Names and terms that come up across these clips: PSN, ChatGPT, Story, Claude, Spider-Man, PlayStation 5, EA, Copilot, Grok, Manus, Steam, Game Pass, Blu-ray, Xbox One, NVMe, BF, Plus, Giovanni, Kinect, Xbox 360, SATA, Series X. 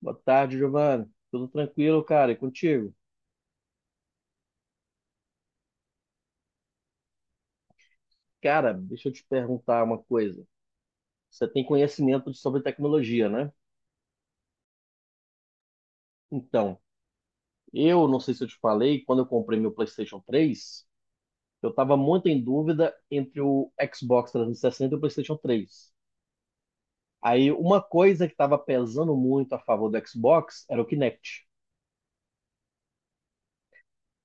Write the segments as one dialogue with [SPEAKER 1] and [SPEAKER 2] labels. [SPEAKER 1] Boa tarde, Giovanni. Tudo tranquilo, cara? E contigo? Cara, deixa eu te perguntar uma coisa. Você tem conhecimento sobre tecnologia, né? Então, eu não sei se eu te falei, quando eu comprei meu PlayStation 3, eu estava muito em dúvida entre o Xbox 360 e sessenta e o PlayStation 3. Aí, uma coisa que estava pesando muito a favor do Xbox era o Kinect.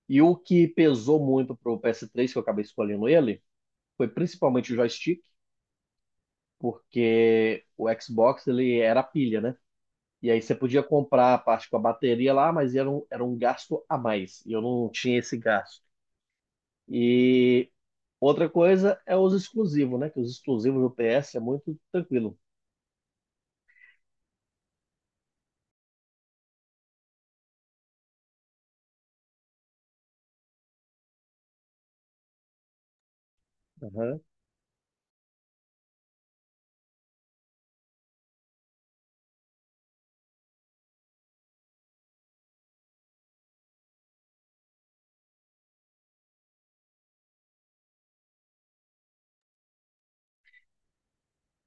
[SPEAKER 1] E o que pesou muito para pro PS3, que eu acabei escolhendo ele, foi principalmente o joystick, porque o Xbox ele era a pilha, né? E aí você podia comprar a parte com a bateria lá, mas era um gasto a mais. E eu não tinha esse gasto. E outra coisa é os exclusivos, né? Que os exclusivos do PS é muito tranquilo. Aham.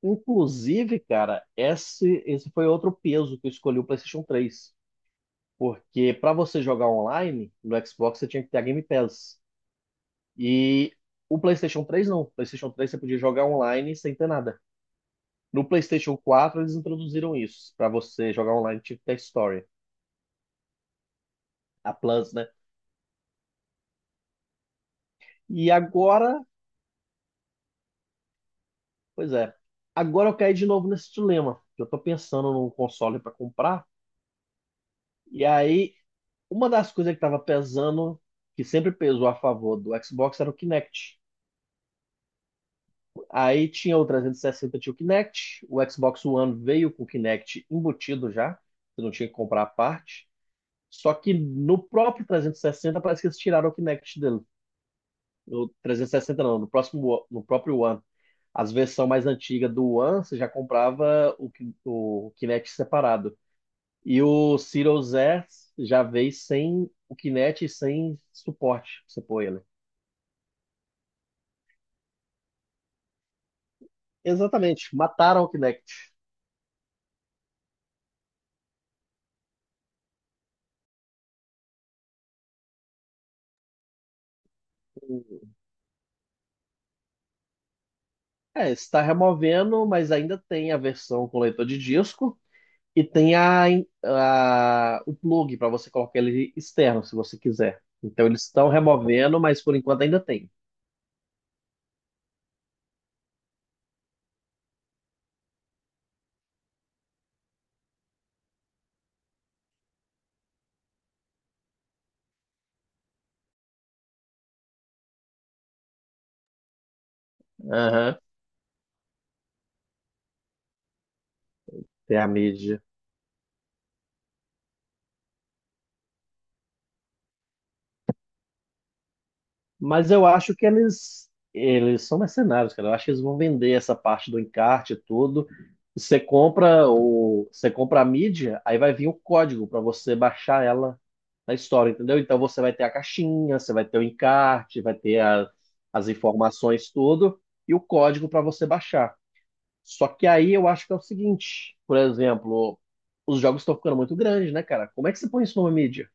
[SPEAKER 1] Inclusive, cara, esse foi outro peso que eu escolhi o PlayStation 3, porque para você jogar online no Xbox, você tinha que ter a Game Pass. E o PlayStation 3 não. O PlayStation 3 você podia jogar online sem ter nada. No PlayStation 4 eles introduziram isso. Para você jogar online tinha que ter Story, a Plus, né? E agora, pois é, agora eu caí de novo nesse dilema. Que eu tô pensando num console para comprar, e aí uma das coisas que tava pesando, que sempre pesou a favor do Xbox, era o Kinect. Aí tinha o 360, tinha o Kinect, o Xbox One veio com o Kinect embutido já, você não tinha que comprar a parte. Só que no próprio 360 parece que eles tiraram o Kinect dele. No 360 não, no próximo, no próprio One. As versões mais antigas do One, você já comprava o Kinect separado. E o Series X já veio sem o Kinect e sem suporte, pra você pôr ele. Exatamente, mataram o Kinect. É, está removendo, mas ainda tem a versão com leitor de disco e tem o plug para você colocar ele externo, se você quiser. Então eles estão removendo, mas por enquanto ainda tem. Aham. Tem a mídia. Mas eu acho que eles são mercenários, cara. Eu acho que eles vão vender essa parte do encarte e tudo. Você compra você compra a mídia, aí vai vir o código para você baixar ela na história, entendeu? Então você vai ter a caixinha, você vai ter o encarte, vai ter as informações tudo e o código para você baixar. Só que aí eu acho que é o seguinte, por exemplo, os jogos estão ficando muito grandes, né, cara? Como é que você põe isso numa mídia?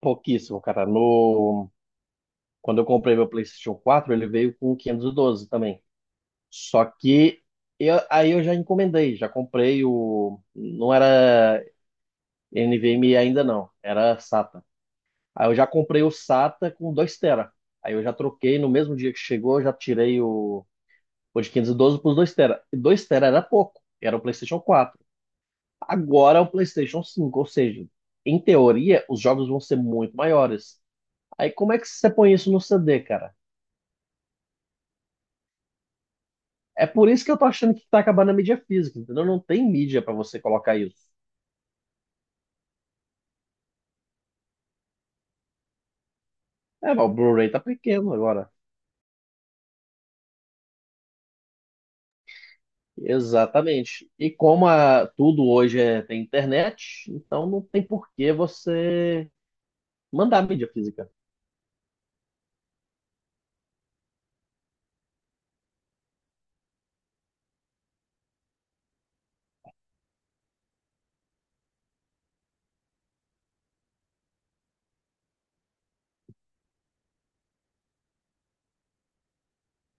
[SPEAKER 1] Pouquíssimo, cara. No Quando eu comprei meu PlayStation 4, ele veio com 512 também. Só que aí eu já encomendei, já comprei o. Não era NVMe ainda não, era SATA. Aí eu já comprei o SATA com 2 tera. Aí eu já troquei no mesmo dia que chegou, eu já tirei o de 512 para os 2 tera. E 2 tera era pouco, era o PlayStation 4. Agora é o PlayStation 5, ou seja, em teoria, os jogos vão ser muito maiores. Aí como é que você põe isso no CD, cara? É por isso que eu tô achando que tá acabando a mídia física, entendeu? Não tem mídia pra você colocar isso. É, mas o Blu-ray tá pequeno agora. Exatamente. E como tudo hoje é, tem internet, então não tem por que você mandar mídia física.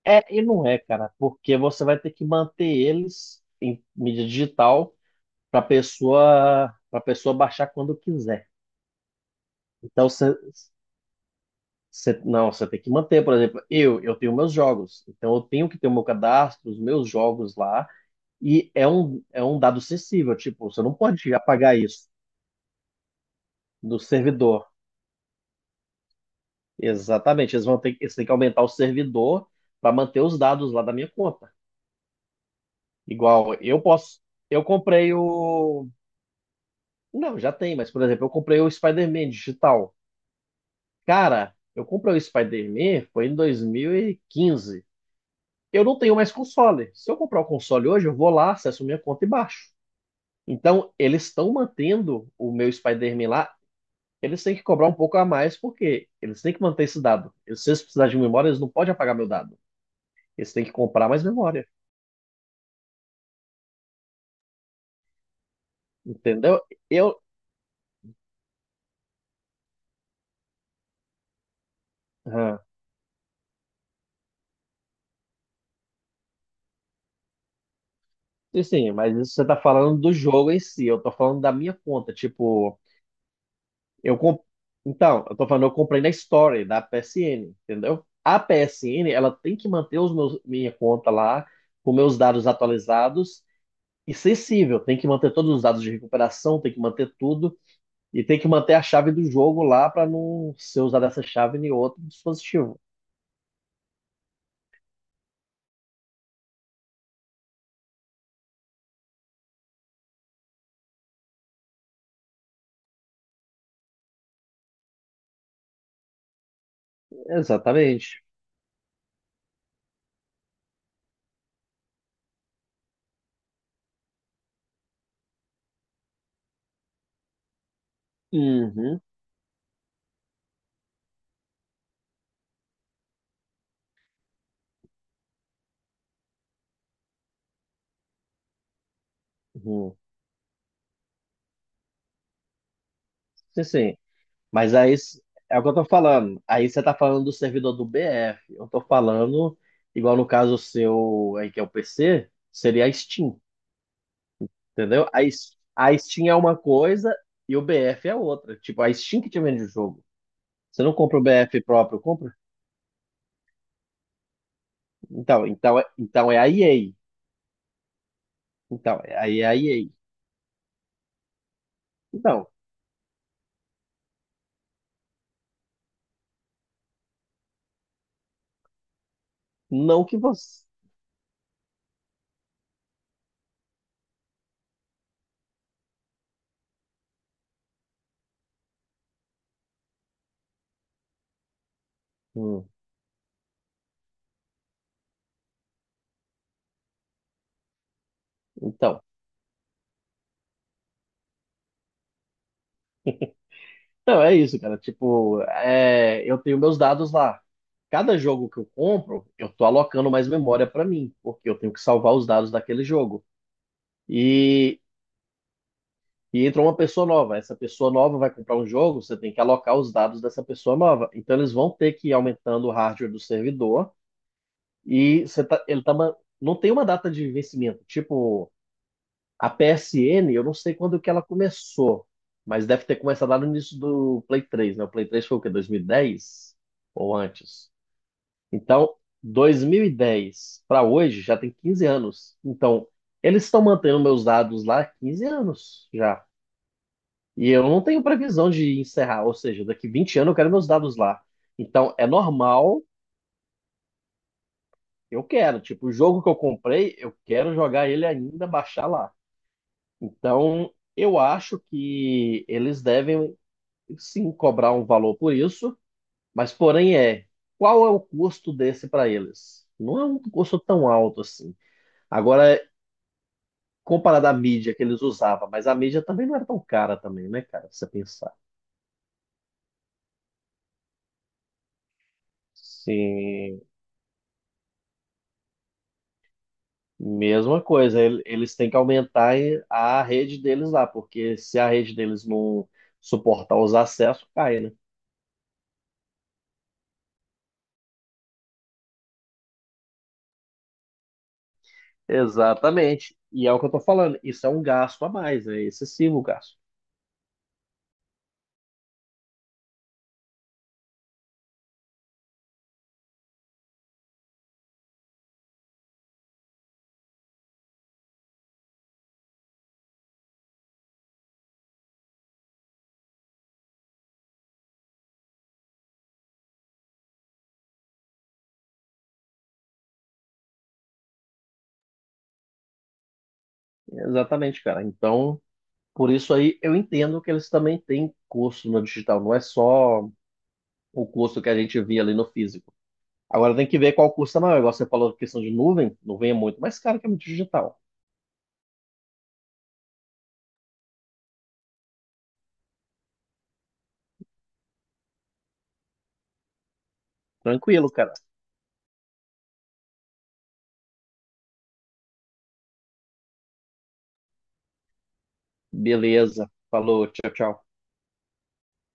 [SPEAKER 1] É e não é, cara, porque você vai ter que manter eles em mídia digital para pessoa baixar quando quiser. Então não, você tem que manter, por exemplo, eu tenho meus jogos, então eu tenho que ter o meu cadastro, os meus jogos lá. E é um dado sensível, tipo, você não pode apagar isso do servidor. Exatamente, eles têm que aumentar o servidor para manter os dados lá da minha conta. Igual, eu comprei o, não, já tem, mas por exemplo, eu comprei o Spider-Man digital. Cara, eu comprei o Spider-Man foi em 2015. Eu não tenho mais console. Se eu comprar o console hoje, eu vou lá, acesso minha conta e baixo. Então, eles estão mantendo o meu Spider-Man lá. Eles têm que cobrar um pouco a mais porque eles têm que manter esse dado. E se eles precisarem de memória, eles não podem apagar meu dado. Eles têm que comprar mais memória. Entendeu? Eu. Ah, sim, sim, mas isso você tá falando do jogo em si. Eu tô falando da minha conta. Tipo, eu comp... Então, eu tô falando, eu comprei na Story da PSN, entendeu? A PSN, ela tem que manter os meus, minha conta lá, com meus dados atualizados e sensível. Tem que manter todos os dados de recuperação, tem que manter tudo. E tem que manter a chave do jogo lá para não ser usada essa chave em outro dispositivo. Exatamente. Uhum, uhum. Sim, sim. Mas aí é o que eu tô falando. Aí você tá falando do servidor do BF. Eu tô falando, igual no caso seu aí que é o PC, seria a Steam, entendeu? A Steam é uma coisa e o BF é outra. Tipo, a Steam que te vende o jogo. Você não compra o BF próprio, compra? Então é a EA. Então, aí é a EA. Então, não que você. Hum, então, então é isso, cara. Tipo, é, eu tenho meus dados lá. Cada jogo que eu compro, eu tô alocando mais memória pra mim, porque eu tenho que salvar os dados daquele jogo. E, e entra uma pessoa nova. Essa pessoa nova vai comprar um jogo, você tem que alocar os dados dessa pessoa nova. Então eles vão ter que ir aumentando o hardware do servidor e você tá, ele tá, ma- não tem uma data de vencimento. Tipo, a PSN, eu não sei quando que ela começou, mas deve ter começado lá no início do Play 3, né? O Play 3 foi o quê? 2010 ou antes? Então, 2010 para hoje já tem 15 anos. Então, eles estão mantendo meus dados lá há 15 anos já. E eu não tenho previsão de encerrar, ou seja, daqui 20 anos eu quero meus dados lá. Então, é normal, eu quero. Tipo, o jogo que eu comprei, eu quero jogar ele ainda, baixar lá. Então, eu acho que eles devem sim cobrar um valor por isso, mas porém é, qual é o custo desse para eles? Não é um custo tão alto assim. Agora, comparado à mídia que eles usavam, mas a mídia também não era tão cara também, né, cara, se você pensar. Sim, mesma coisa, eles têm que aumentar a rede deles lá, porque se a rede deles não suportar os acessos, cai, né? Exatamente. E é o que eu tô falando, isso é um gasto a mais, é excessivo o gasto. Exatamente, cara. Então, por isso aí eu entendo que eles também têm curso no digital, não é só o curso que a gente via ali no físico. Agora tem que ver qual custa maior. Igual você falou da questão de nuvem, nuvem é muito mais caro que a digital. Tranquilo, cara. Beleza. Falou, tchau, tchau.